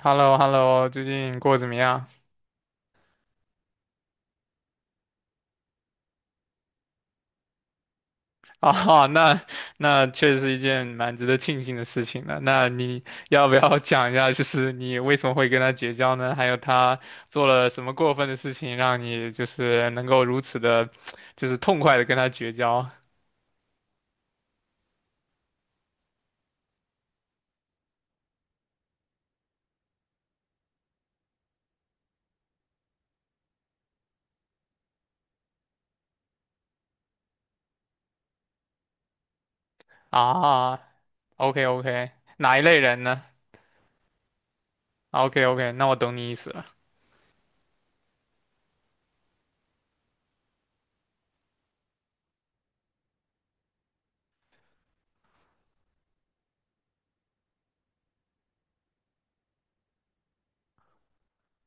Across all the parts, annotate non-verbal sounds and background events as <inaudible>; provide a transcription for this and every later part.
h e l l o h e l l o 最近过得怎么样？啊，那确实是一件蛮值得庆幸的事情的。那你要不要讲一下，就是你为什么会跟他绝交呢？还有他做了什么过分的事情，让你就是能够如此的，就是痛快的跟他绝交啊？OK OK，哪一类人呢？OK OK，那我懂你意思了。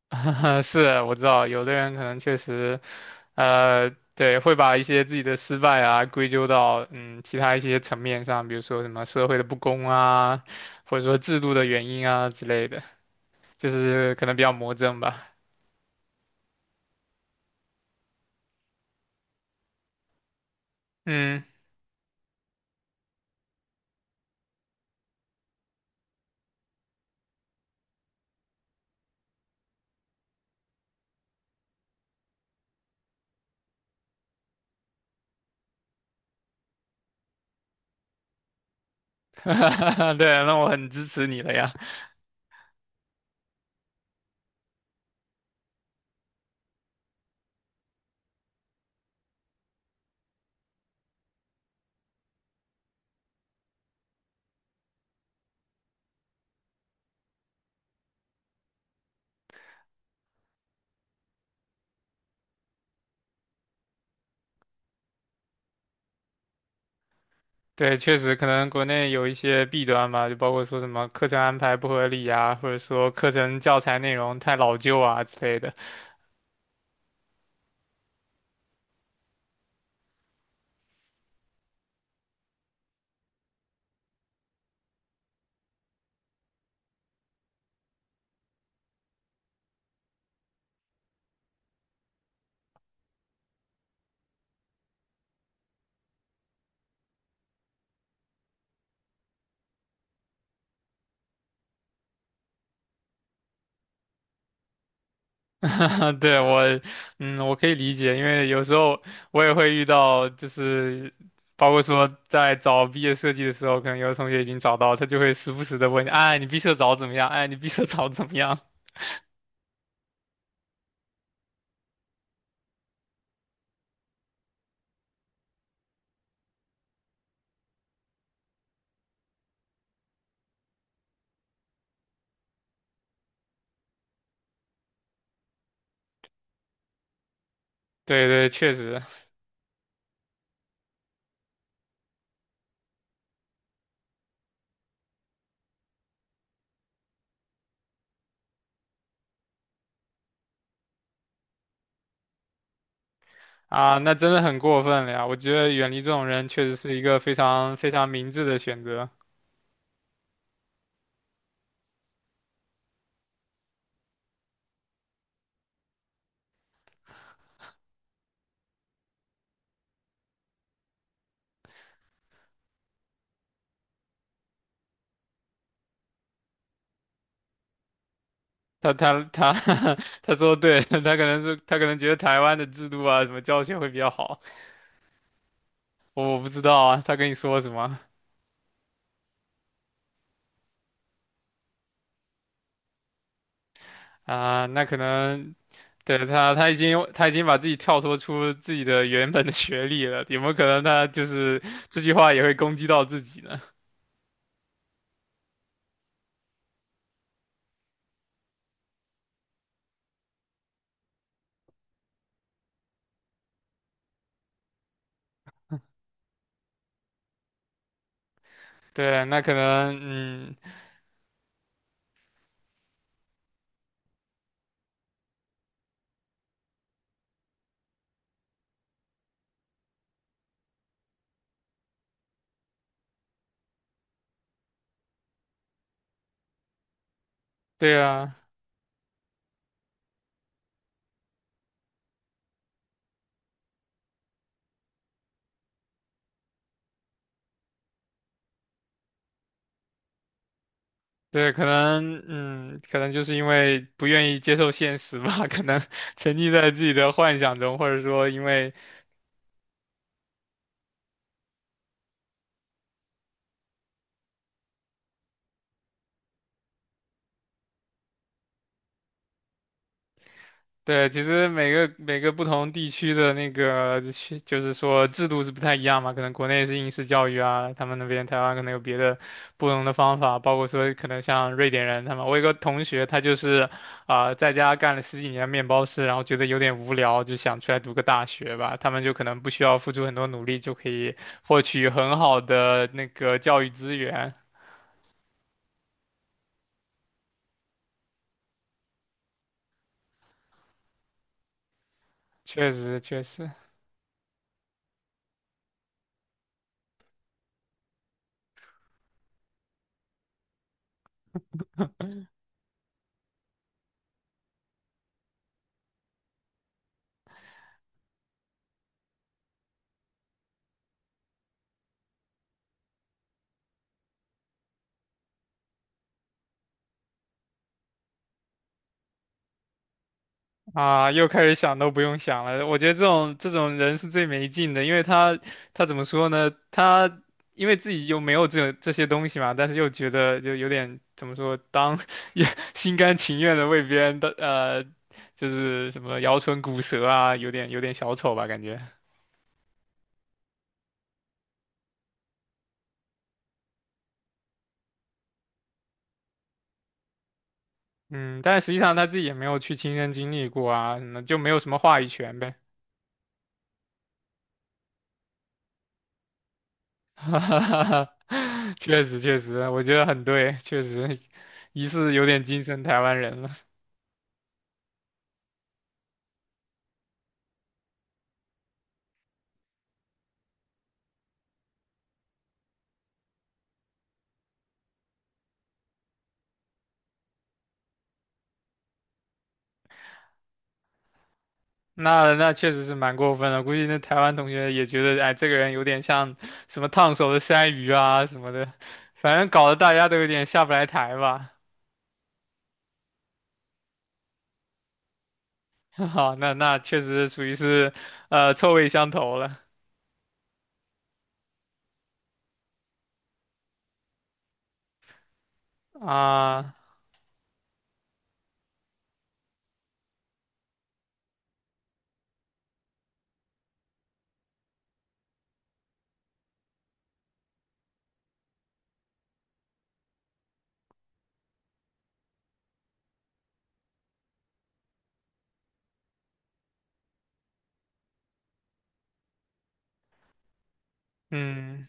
<laughs> 是，我知道有的人可能确实。对，会把一些自己的失败啊归咎到其他一些层面上，比如说什么社会的不公啊，或者说制度的原因啊之类的，就是可能比较魔怔吧。嗯，<laughs> 对，那我很支持你了呀。对，确实可能国内有一些弊端吧，就包括说什么课程安排不合理啊，或者说课程教材内容太老旧啊之类的。<laughs> 对，我，嗯，我可以理解，因为有时候我也会遇到，就是包括说在找毕业设计的时候，可能有的同学已经找到，他就会时不时的问你，哎，你毕设找的怎么样？哎，你毕设找的怎么样？<laughs> 对对，确实啊，那真的很过分了呀！我觉得远离这种人确实是一个非常非常明智的选择。他 <laughs> 他说得对，<laughs> 他可能是他可能觉得台湾的制度啊，什么教学会比较好，我不知道啊，他跟你说什么？啊，那可能对他，他已经把自己跳脱出自己的原本的学历了，有没有可能他就是这句话也会攻击到自己呢？<laughs> 对啊，那可能，嗯，对啊，对，可能，嗯，可能就是因为不愿意接受现实吧，可能 <laughs> 沉溺在自己的幻想中，或者说因为对，其实每个不同地区的那个是就是说制度是不太一样嘛，可能国内是应试教育啊，他们那边台湾可能有别的不同的方法，包括说可能像瑞典人他们，我有个同学他就是在家干了十几年面包师，然后觉得有点无聊，就想出来读个大学吧，他们就可能不需要付出很多努力就可以获取很好的那个教育资源，确实确实。啊，又开始想都不用想了。我觉得这种人是最没劲的，因为他他怎么说呢？他因为自己又没有这些东西嘛，但是又觉得就有点怎么说，当 <laughs> 也心甘情愿的为别人的就是什么摇唇鼓舌啊，有点小丑吧感觉。嗯，但是实际上他自己也没有去亲身经历过啊，那就没有什么话语权呗。<laughs> 哈哈哈哈确实确实，我觉得很对，确实疑似有点精神台湾人了。那确实是蛮过分的，估计那台湾同学也觉得，哎，这个人有点像什么烫手的山芋啊什么的，反正搞得大家都有点下不来台吧。<laughs> 好，那确实属于是，呃，臭味相投了啊，嗯。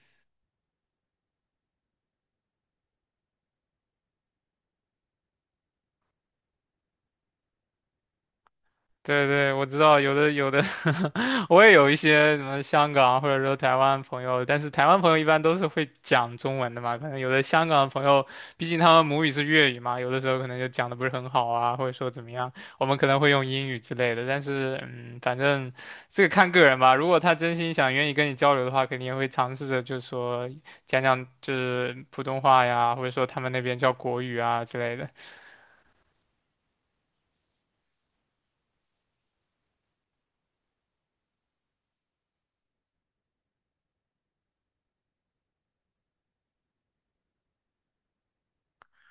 对对，我知道有的<laughs> 我也有一些什么香港或者说台湾朋友，但是台湾朋友一般都是会讲中文的嘛，可能有的香港朋友，毕竟他们母语是粤语嘛，有的时候可能就讲的不是很好啊，或者说怎么样，我们可能会用英语之类的，但是嗯，反正这个看个人吧，如果他真心想愿意跟你交流的话，肯定也会尝试着就是说讲讲就是普通话呀，或者说他们那边叫国语啊之类的，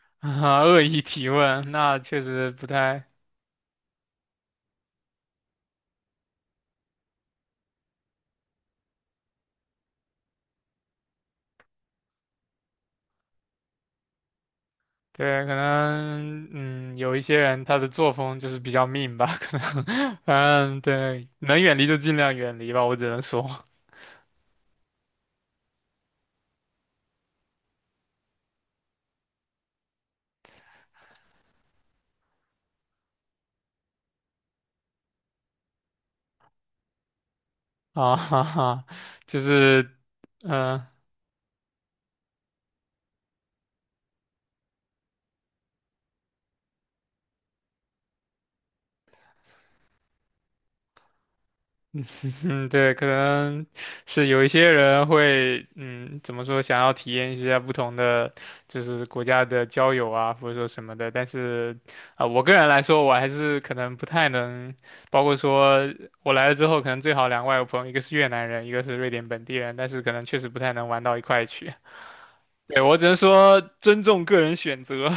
<laughs> 啊，恶意提问，那确实不太。对，可能嗯，有一些人他的作风就是比较 mean 吧，可能，<laughs> 反正对，能远离就尽量远离吧，我只能说 <laughs> 啊，哈哈，就是嗯、呃 <laughs> 嗯，对，可能是有一些人会，嗯，怎么说，想要体验一下不同的，就是国家的交友啊，或者说什么的。但是，我个人来说，我还是可能不太能，包括说我来了之后，可能最好两个外国朋友，一个是越南人，一个是瑞典本地人，但是可能确实不太能玩到一块去。<laughs> 对，我只能说尊重个人选择，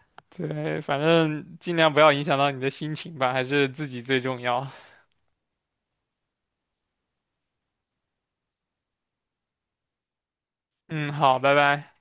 <laughs> 对，反正尽量不要影响到你的心情吧，还是自己最重要。嗯，好，拜拜。